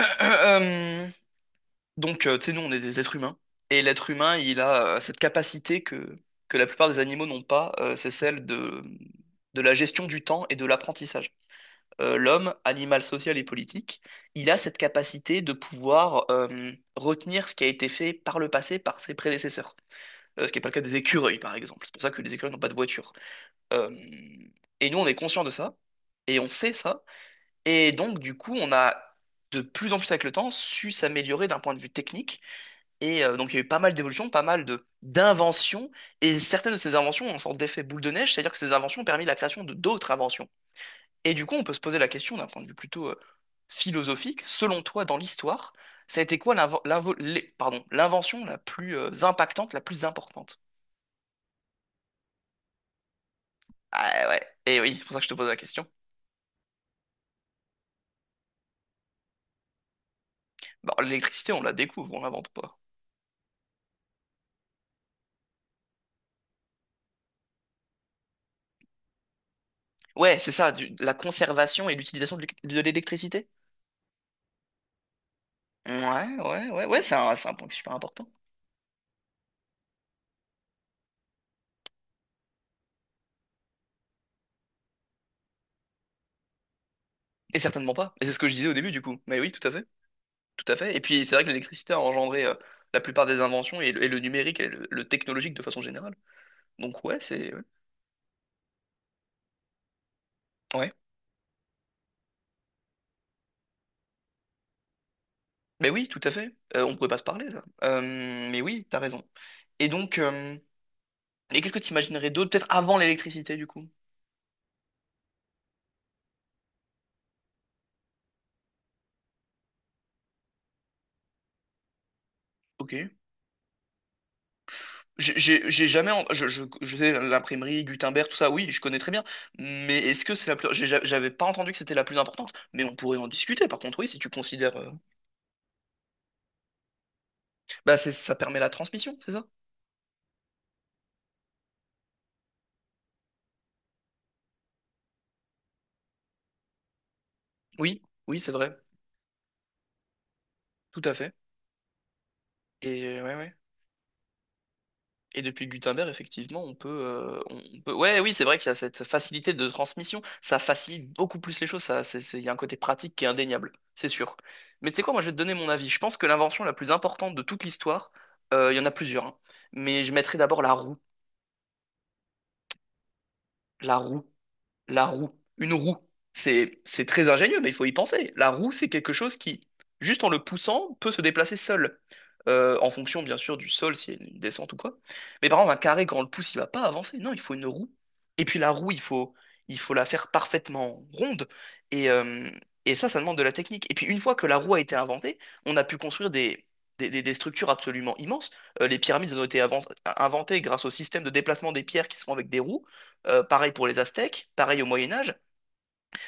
Euh, euh, donc, tu sais, nous, on est des êtres humains. Et l'être humain, il a cette capacité que la plupart des animaux n'ont pas, c'est celle de la gestion du temps et de l'apprentissage. L'homme, animal social et politique, il a cette capacité de pouvoir retenir ce qui a été fait par le passé par ses prédécesseurs. Ce qui n'est pas le cas des écureuils, par exemple. C'est pour ça que les écureuils n'ont pas de voiture. Euh, et nous, on est conscient de ça, et on sait ça, et donc, du coup, on a de plus en plus avec le temps su s'améliorer d'un point de vue technique. Et donc, il y a eu pas mal d'évolutions, pas mal de d'inventions. Et certaines de ces inventions ont un sorte d'effet boule de neige, c'est-à-dire que ces inventions ont permis la création de d'autres inventions. Et du coup, on peut se poser la question d'un point de vue plutôt philosophique. Selon toi, dans l'histoire, ça a été quoi pardon, l'invention la plus impactante, la plus importante? Ah ouais, et oui, c'est pour ça que je te pose la question. Bon, l'électricité, on la découvre, on l'invente pas. Ouais, c'est ça, la conservation et l'utilisation de de l'électricité. Ouais, ouais, ouais, ouais, c'est un point qui est super important. Et certainement pas. Et c'est ce que je disais au début, du coup. Mais oui, tout à fait. Tout à fait. Et puis, c'est vrai que l'électricité a engendré la plupart des inventions et le numérique et le technologique de façon générale. Donc, ouais, c'est. Ouais. Ouais. Mais oui, tout à fait. On pourrait pas se parler, là. Mais oui, t'as raison. Et donc, et qu'est-ce que tu imaginerais d'autre, peut-être avant l'électricité, du coup? Ok. J'ai jamais, je sais l'imprimerie Gutenberg, tout ça, oui, je connais très bien. Mais est-ce que c'est la plus, j'avais pas entendu que c'était la plus importante. Mais on pourrait en discuter. Par contre, oui, si tu considères, bah c'est, ça permet la transmission, c'est ça? Oui, oui, c'est vrai, tout à fait. Et ouais, ouais. Et depuis Gutenberg, effectivement, on peut. Ouais, oui, c'est vrai qu'il y a cette facilité de transmission. Ça facilite beaucoup plus les choses. Il y a un côté pratique qui est indéniable, c'est sûr. Mais tu sais quoi, moi, je vais te donner mon avis. Je pense que l'invention la plus importante de toute l'histoire, il y en a plusieurs, hein. Mais je mettrai d'abord la roue. La roue. La roue, une roue, c'est très ingénieux, mais il faut y penser. La roue, c'est quelque chose qui, juste en le poussant, peut se déplacer seul. En fonction, bien sûr, du sol, s'il y a une descente ou quoi. Mais par exemple, un carré, quand on le pousse, il va pas avancer. Non, il faut une roue. Et puis la roue, il faut la faire parfaitement ronde. Et, euh, et ça, ça demande de la technique. Et puis une fois que la roue a été inventée, on a pu construire des structures absolument immenses. Les pyramides elles ont été inventées grâce au système de déplacement des pierres qui sont avec des roues. Pareil pour les Aztèques, pareil au Moyen Âge.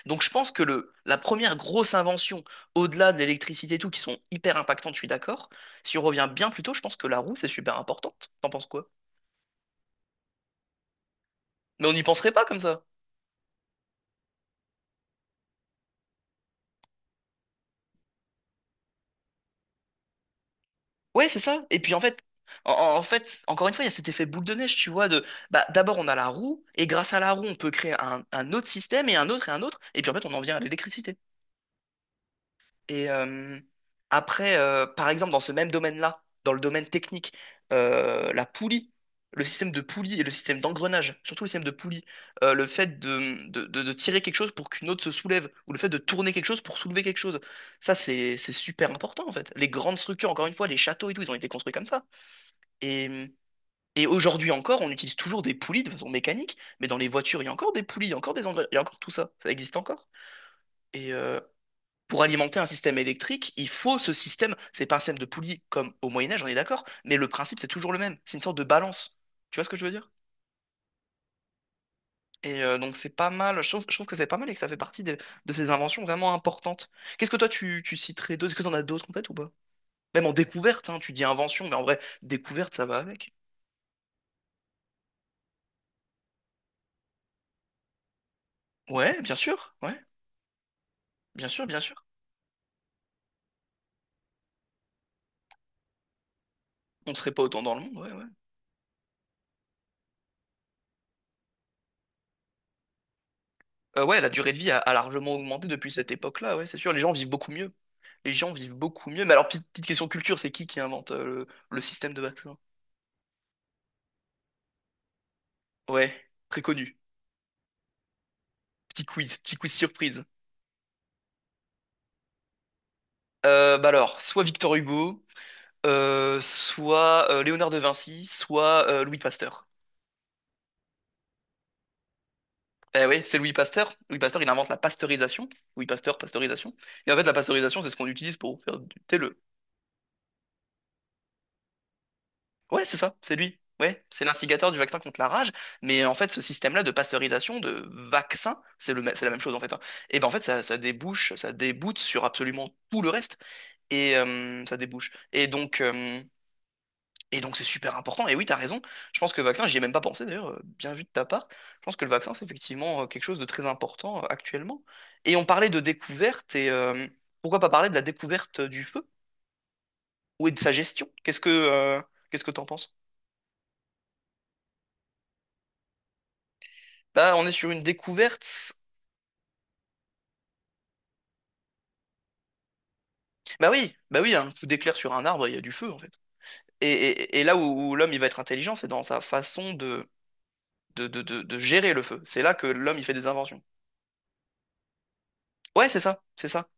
Donc je pense que la première grosse invention, au-delà de l'électricité et tout, qui sont hyper impactantes, je suis d'accord. Si on revient bien plus tôt, je pense que la roue, c'est super importante. T'en penses quoi? Mais on n'y penserait pas comme ça. Ouais, c'est ça. Et puis en fait, en fait, encore une fois, il y a cet effet boule de neige, tu vois, de bah d'abord on a la roue, et grâce à la roue, on peut créer un autre système, et un autre, et un autre, et puis en fait, on en vient à l'électricité. Et après, par exemple, dans ce même domaine-là, dans le domaine technique, la poulie, le système de poulie et le système d'engrenage, surtout le système de poulie, le fait de tirer quelque chose pour qu'une autre se soulève, ou le fait de tourner quelque chose pour soulever quelque chose, ça c'est super important en fait. Les grandes structures, encore une fois, les châteaux et tout, ils ont été construits comme ça. Et, et aujourd'hui encore, on utilise toujours des poulies de façon mécanique, mais dans les voitures, il y a encore des poulies, il y a encore des engrenages, il y a encore tout ça, ça existe encore. Et, euh, pour alimenter un système électrique, il faut ce système. C'est pas un système de poulie comme au Moyen Âge, on est d'accord, mais le principe c'est toujours le même. C'est une sorte de balance. Tu vois ce que je veux dire? Et donc c'est pas mal. Je trouve que c'est pas mal et que ça fait partie de ces inventions vraiment importantes. Qu'est-ce que toi tu citerais d'autres? Est-ce que t'en as d'autres en tête ou pas? Même en découverte, hein, tu dis invention, mais en vrai, découverte, ça va avec. Ouais, bien sûr, bien sûr. On serait pas autant dans le monde, ouais, ouais. Ouais, la durée de vie a largement augmenté depuis cette époque-là, ouais, c'est sûr. Les gens vivent beaucoup mieux. Les gens vivent beaucoup mieux. Mais alors, petite question culture, c'est qui invente le système de vaccin? Ouais, très connu. Petit quiz surprise. Bah alors, soit Victor Hugo, soit Léonard de Vinci, soit Louis Pasteur. Eh oui, c'est Louis Pasteur. Louis Pasteur, il invente la pasteurisation. Louis Pasteur, pasteurisation. Et en fait, la pasteurisation, c'est ce qu'on utilise pour faire du thé. Ouais, c'est ça, c'est lui. Ouais, c'est l'instigateur du vaccin contre la rage. Mais en fait, ce système-là de pasteurisation, de vaccin, c'est la même chose en fait, hein. Et ben en fait, ça déboute sur absolument tout le reste. Et ça débouche. Et donc c'est super important. Et oui, t'as raison. Je pense que le vaccin, j'y ai même pas pensé d'ailleurs. Bien vu de ta part. Je pense que le vaccin, c'est effectivement quelque chose de très important actuellement. Et on parlait de découverte. Et pourquoi pas parler de la découverte du feu ou et de sa gestion? Qu'est-ce que t'en penses? Bah, on est sur une découverte. Bah oui, un coup d'éclair sur un arbre, il y a du feu, en fait. Et là où l'homme, il va être intelligent, c'est dans sa façon de gérer le feu. C'est là que l'homme, il fait des inventions. Ouais, c'est ça, c'est ça.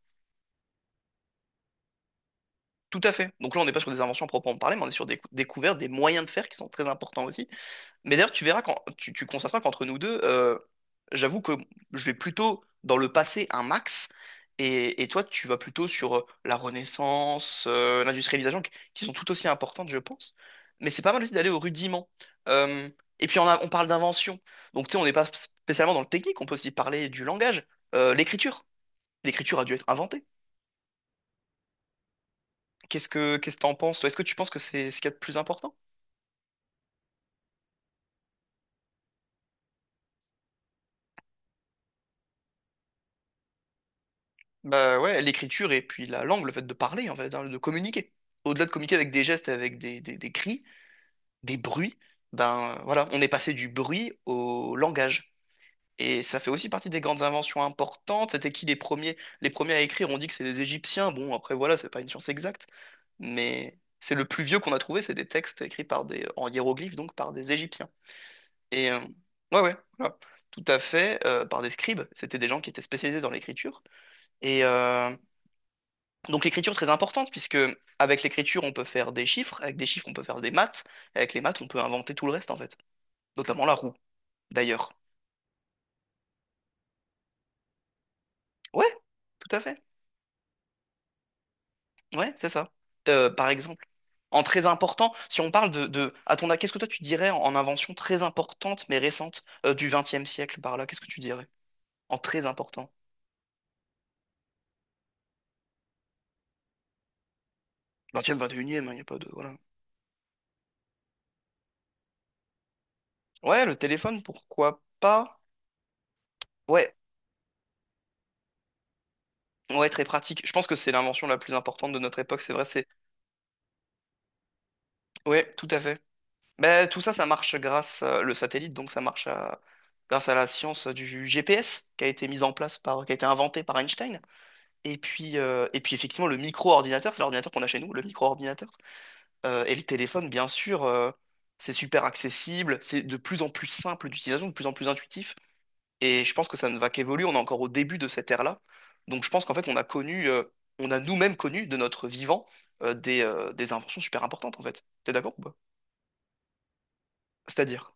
Tout à fait. Donc là, on n'est pas sur des inventions à proprement parler, mais on est sur des découvertes, des moyens de faire qui sont très importants aussi. Mais d'ailleurs, tu verras quand tu constateras qu'entre nous deux, j'avoue que je vais plutôt dans le passé un max, et toi, tu vas plutôt sur la Renaissance, l'industrialisation, qui sont tout aussi importantes, je pense. Mais c'est pas mal aussi d'aller au rudiment. Euh, et puis on parle d'invention. Donc tu sais, on n'est pas spécialement dans le technique, on peut aussi parler du langage, l'écriture. L'écriture a dû être inventée. Qu'est-ce que t'en penses, toi? Est-ce que tu penses que c'est ce qu'il y a de plus important? Bah ouais, l'écriture et puis la langue, le fait de parler, en fait, hein, de communiquer. Au-delà de communiquer avec des gestes, avec des cris, des bruits, ben voilà, on est passé du bruit au langage. Et ça fait aussi partie des grandes inventions importantes. C'était qui les premiers à écrire? On dit que c'est des Égyptiens. Bon, après voilà, c'est pas une science exacte, mais c'est le plus vieux qu'on a trouvé, c'est des textes écrits en hiéroglyphes, donc par des Égyptiens. Et ouais, ouais, voilà. Tout à fait, par des scribes. C'était des gens qui étaient spécialisés dans l'écriture. Et donc l'écriture est très importante puisque avec l'écriture on peut faire des chiffres, avec des chiffres on peut faire des maths, et avec les maths on peut inventer tout le reste en fait, notamment la roue d'ailleurs. Ouais, tout à fait. Ouais, c'est ça. Par exemple, en très important, si on parle de à ton avis, qu'est-ce que toi tu dirais en invention très importante mais récente du XXe siècle par là, qu'est-ce que tu dirais en très important? XXe, XXIe, il n'y a pas de voilà. Ouais, le téléphone, pourquoi pas? Ouais, ouais, très pratique. Je pense que c'est l'invention la plus importante de notre époque, c'est vrai, c'est ouais, tout à fait. Mais tout ça, ça marche grâce le satellite, donc ça marche grâce à la science du GPS qui a été mise en place qui a été inventée par Einstein. Et puis, effectivement, le micro-ordinateur, c'est l'ordinateur qu'on a chez nous, le micro-ordinateur. Et le téléphone, bien sûr, c'est super accessible, c'est de plus en plus simple d'utilisation, de plus en plus intuitif. Et je pense que ça ne va qu'évoluer. On est encore au début de cette ère-là. Donc je pense qu'en fait, on a nous-mêmes connu de notre vivant des inventions super importantes, en fait. T'es d'accord ou pas? C'est-à-dire.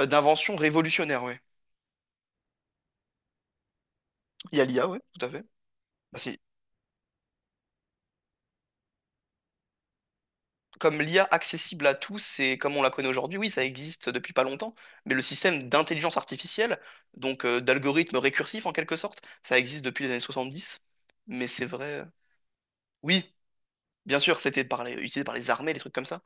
D'invention révolutionnaire, oui. Il y a l'IA, oui, tout à fait. Bah, c'est comme l'IA accessible à tous et comme on la connaît aujourd'hui, oui, ça existe depuis pas longtemps, mais le système d'intelligence artificielle, donc d'algorithme récursif en quelque sorte, ça existe depuis les années 70, mais c'est vrai. Oui, bien sûr, c'était utilisé par les armées, des trucs comme ça,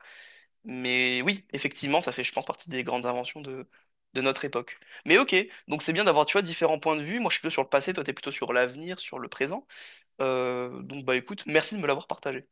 mais oui, effectivement, ça fait, je pense, partie des grandes inventions de notre époque. Mais ok, donc c'est bien d'avoir, tu vois, différents points de vue. Moi, je suis plutôt sur le passé, toi, t'es plutôt sur l'avenir, sur le présent. Donc, bah écoute, merci de me l'avoir partagé.